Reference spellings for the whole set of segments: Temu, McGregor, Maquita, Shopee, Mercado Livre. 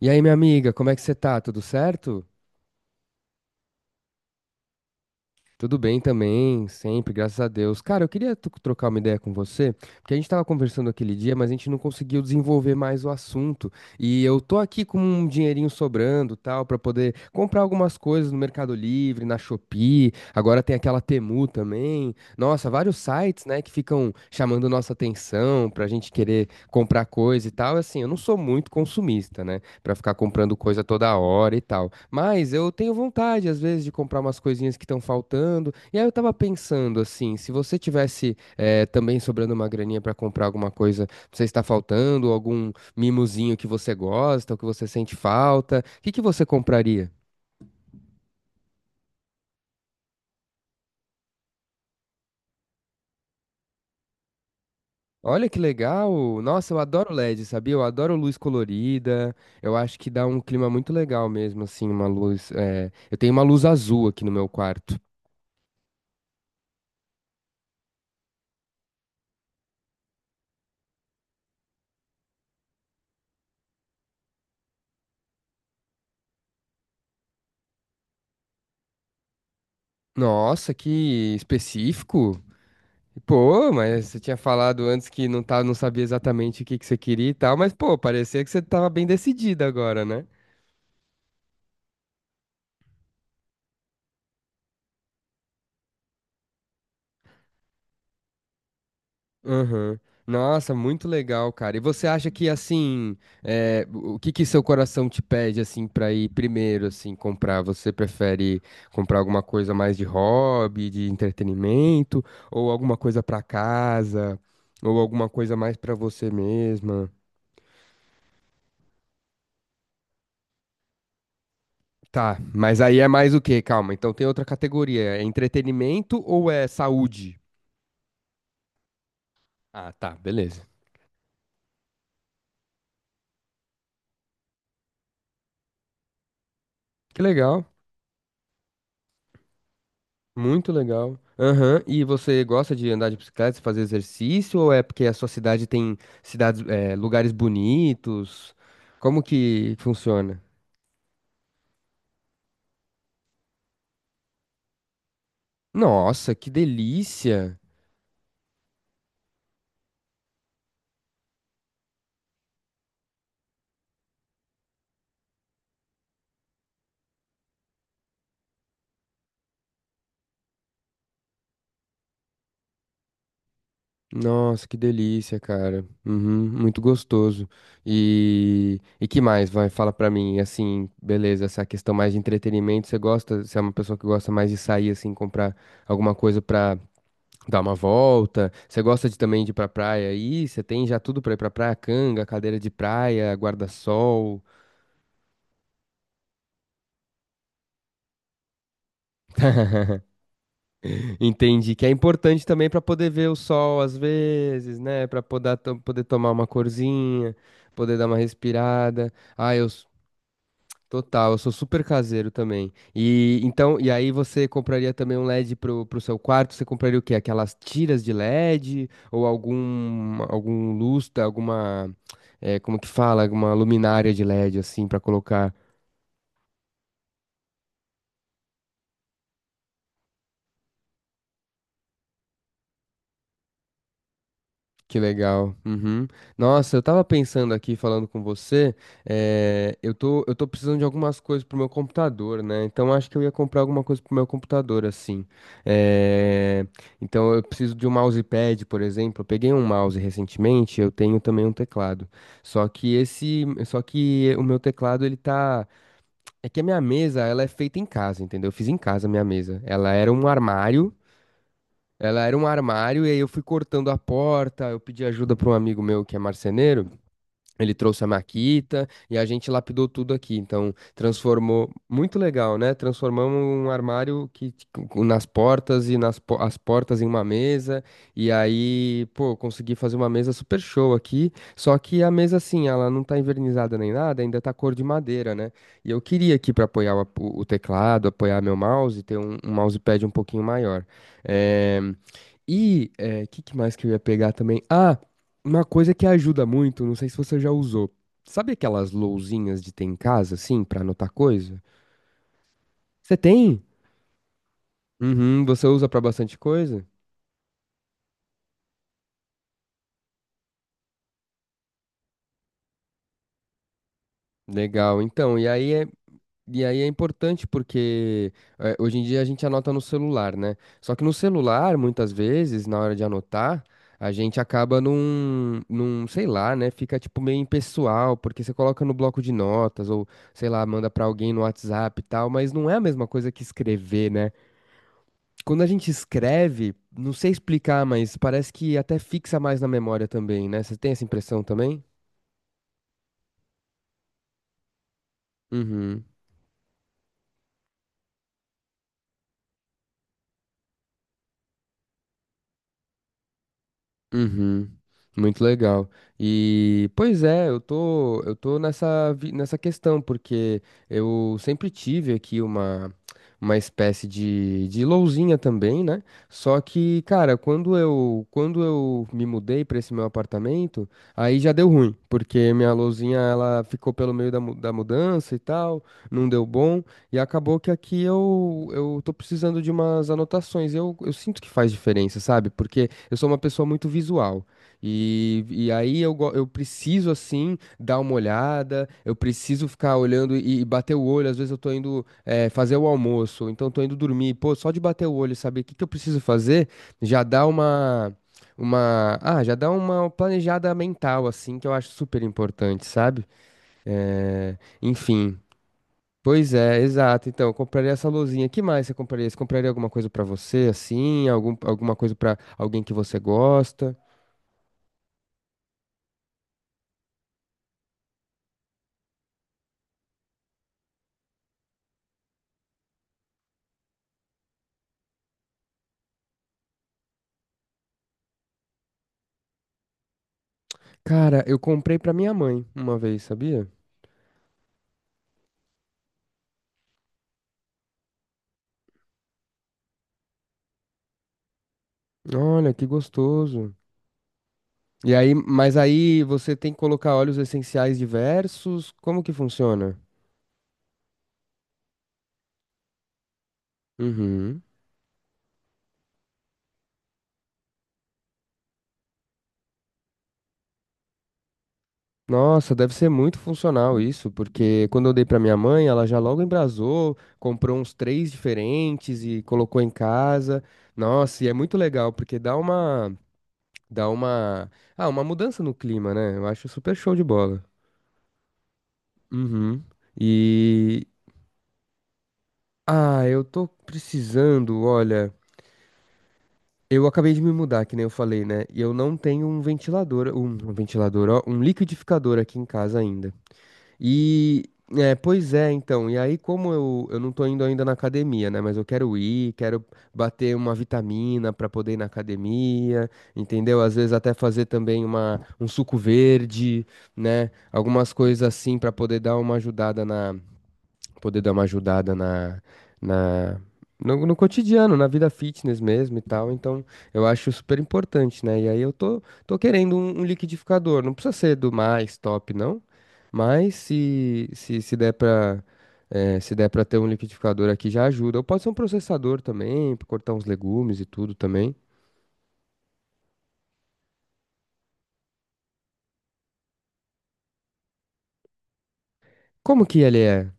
E aí, minha amiga, como é que você tá? Tudo certo? Tudo bem também, sempre, graças a Deus. Cara, eu queria trocar uma ideia com você, porque a gente tava conversando aquele dia, mas a gente não conseguiu desenvolver mais o assunto. E eu tô aqui com um dinheirinho sobrando, tal, pra poder comprar algumas coisas no Mercado Livre, na Shopee. Agora tem aquela Temu também. Nossa, vários sites, né, que ficam chamando nossa atenção pra gente querer comprar coisa e tal. Assim, eu não sou muito consumista, né? Pra ficar comprando coisa toda hora e tal. Mas eu tenho vontade, às vezes, de comprar umas coisinhas que estão faltando. E aí eu tava pensando, assim, se você tivesse também sobrando uma graninha pra comprar alguma coisa que você está faltando, algum mimozinho que você gosta, ou que você sente falta, o que que você compraria? Olha que legal! Nossa, eu adoro LED, sabia? Eu adoro luz colorida. Eu acho que dá um clima muito legal mesmo, assim, uma luz. Eu tenho uma luz azul aqui no meu quarto. Nossa, que específico! Pô, mas você tinha falado antes que não tá, não sabia exatamente o que que você queria e tal, mas pô, parecia que você tava bem decidida agora, né? Aham. Nossa, muito legal, cara. E você acha que assim, é, o que que seu coração te pede assim pra ir primeiro assim comprar? Você prefere comprar alguma coisa mais de hobby, de entretenimento, ou alguma coisa pra casa, ou alguma coisa mais pra você mesma? Tá, mas aí é mais o quê? Calma, então tem outra categoria. É entretenimento ou é saúde? Ah, tá, beleza. Que legal, muito legal. Aham, e você gosta de andar de bicicleta, fazer exercício, ou é porque a sua cidade tem cidades, é, lugares bonitos? Como que funciona? Nossa, que delícia! Nossa, que delícia, cara. Uhum, muito gostoso. E que mais, vai? Fala pra mim, assim, beleza, essa questão mais de entretenimento, você gosta, você é uma pessoa que gosta mais de sair, assim, comprar alguma coisa pra dar uma volta? Você gosta de também de ir pra praia aí? Você tem já tudo pra ir pra praia? Canga, cadeira de praia, guarda-sol. Entendi, que é importante também pra poder ver o sol às vezes, né? Pra poder, poder tomar uma corzinha, poder dar uma respirada. Ah, eu, Total, eu sou super caseiro também. E então, e aí você compraria também um LED pro seu quarto? Você compraria o quê? Aquelas tiras de LED ou algum lustre, alguma é, como que fala, alguma luminária de LED assim pra colocar? Que legal. Uhum. Nossa, eu tava pensando aqui, falando com você, eu tô precisando de algumas coisas pro meu computador, né? Então acho que eu ia comprar alguma coisa pro meu computador, assim. Eh, Então eu preciso de um mousepad, por exemplo. Eu peguei um mouse recentemente, eu tenho também um teclado. Só que o meu teclado, ele tá. É que a minha mesa, ela é feita em casa, entendeu? Eu fiz em casa a minha mesa. Ela era um armário. Ela era um armário e aí eu fui cortando a porta, eu pedi ajuda para um amigo meu que é marceneiro. Ele trouxe a Maquita e a gente lapidou tudo aqui. Então, transformou. Muito legal, né? Transformamos um armário que com- nas portas e nas po- as portas em uma mesa. E aí, pô, consegui fazer uma mesa super show aqui. Só que a mesa, assim, ela não tá envernizada nem nada, ainda tá cor de madeira, né? E eu queria aqui para apoiar o teclado, apoiar meu mouse, ter um mousepad um pouquinho maior. É... E que mais que eu ia pegar também? Ah! Uma coisa que ajuda muito, não sei se você já usou. Sabe aquelas lousinhas de ter em casa, assim, pra anotar coisa? Você tem? Uhum, você usa pra bastante coisa? Legal, então, e aí é importante porque hoje em dia a gente anota no celular, né? Só que no celular, muitas vezes, na hora de anotar, a gente acaba sei lá, né? Fica tipo meio impessoal, porque você coloca no bloco de notas ou, sei lá, manda pra alguém no WhatsApp e tal, mas não é a mesma coisa que escrever, né? Quando a gente escreve, não sei explicar, mas parece que até fixa mais na memória também, né? Você tem essa impressão também? Uhum. Uhum, muito legal. E, pois é, eu tô nessa questão, porque eu sempre tive aqui uma espécie de lousinha também, né? Só que, cara, quando eu me mudei para esse meu apartamento, aí já deu ruim, porque minha lousinha, ela ficou pelo meio da, da mudança e tal, não deu bom, e acabou que aqui eu tô precisando de umas anotações. Eu sinto que faz diferença, sabe? Porque eu sou uma pessoa muito visual. Eu preciso, assim, dar uma olhada, eu preciso ficar olhando e bater o olho. Às vezes eu tô indo fazer o almoço, ou então tô indo dormir. Pô, só de bater o olho, saber o que que eu preciso fazer, já dá já dá uma planejada mental, assim, que eu acho super importante, sabe? Enfim. Pois é, exato. Então, eu compraria essa luzinha. Que mais você compraria? Você compraria alguma coisa pra você, assim? Alguma coisa pra alguém que você gosta? Cara, eu comprei pra minha mãe uma vez, sabia? Olha, que gostoso. E aí, mas aí você tem que colocar óleos essenciais diversos. Como que funciona? Uhum. Nossa, deve ser muito funcional isso, porque quando eu dei pra minha mãe, ela já logo embrasou, comprou uns três diferentes e colocou em casa. Nossa, e é muito legal, porque dá uma, ah, uma mudança no clima, né? Eu acho super show de bola. Uhum. E, ah, eu tô precisando, olha, eu acabei de me mudar, que nem eu falei, né? E eu não tenho um ventilador, um ventilador, ó, um liquidificador aqui em casa ainda. E, é, pois é, então, e aí como eu não tô indo ainda na academia, né? Mas eu quero ir, quero bater uma vitamina pra poder ir na academia, entendeu? Às vezes até fazer também um suco verde, né? Algumas coisas assim pra poder dar uma ajudada poder dar uma ajudada na, na no, no cotidiano, na vida fitness mesmo e tal. Então, eu acho super importante, né? E aí tô querendo um liquidificador. Não precisa ser do mais top, não. Mas se der pra, se der pra ter um liquidificador aqui, já ajuda. Ou pode ser um processador também, pra cortar uns legumes e tudo também. Como que ele é?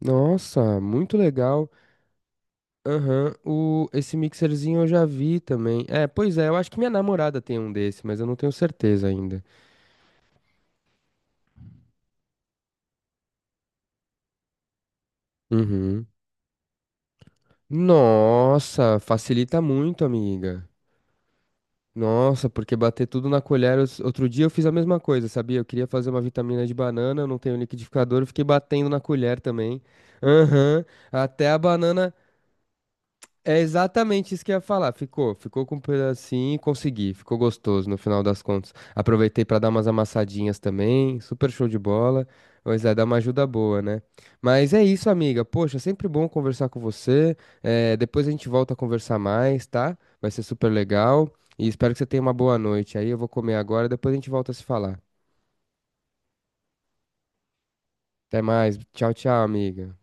Nossa, muito legal. Aham, esse mixerzinho eu já vi também. É, pois é, eu acho que minha namorada tem um desse, mas eu não tenho certeza ainda. Uhum. Nossa, facilita muito, amiga. Nossa, porque bater tudo na colher. Outro dia eu fiz a mesma coisa, sabia? Eu queria fazer uma vitamina de banana, eu não tenho liquidificador, eu fiquei batendo na colher também. Aham, até a banana. É exatamente isso que eu ia falar. Ficou, ficou com um pedacinho, consegui, ficou gostoso no final das contas. Aproveitei pra dar umas amassadinhas também, super show de bola. Pois é, dá uma ajuda boa, né? Mas é isso, amiga. Poxa, sempre bom conversar com você. É, depois a gente volta a conversar mais, tá? Vai ser super legal. E espero que você tenha uma boa noite. Aí eu vou comer agora, depois a gente volta a se falar. Até mais. Tchau, tchau, amiga.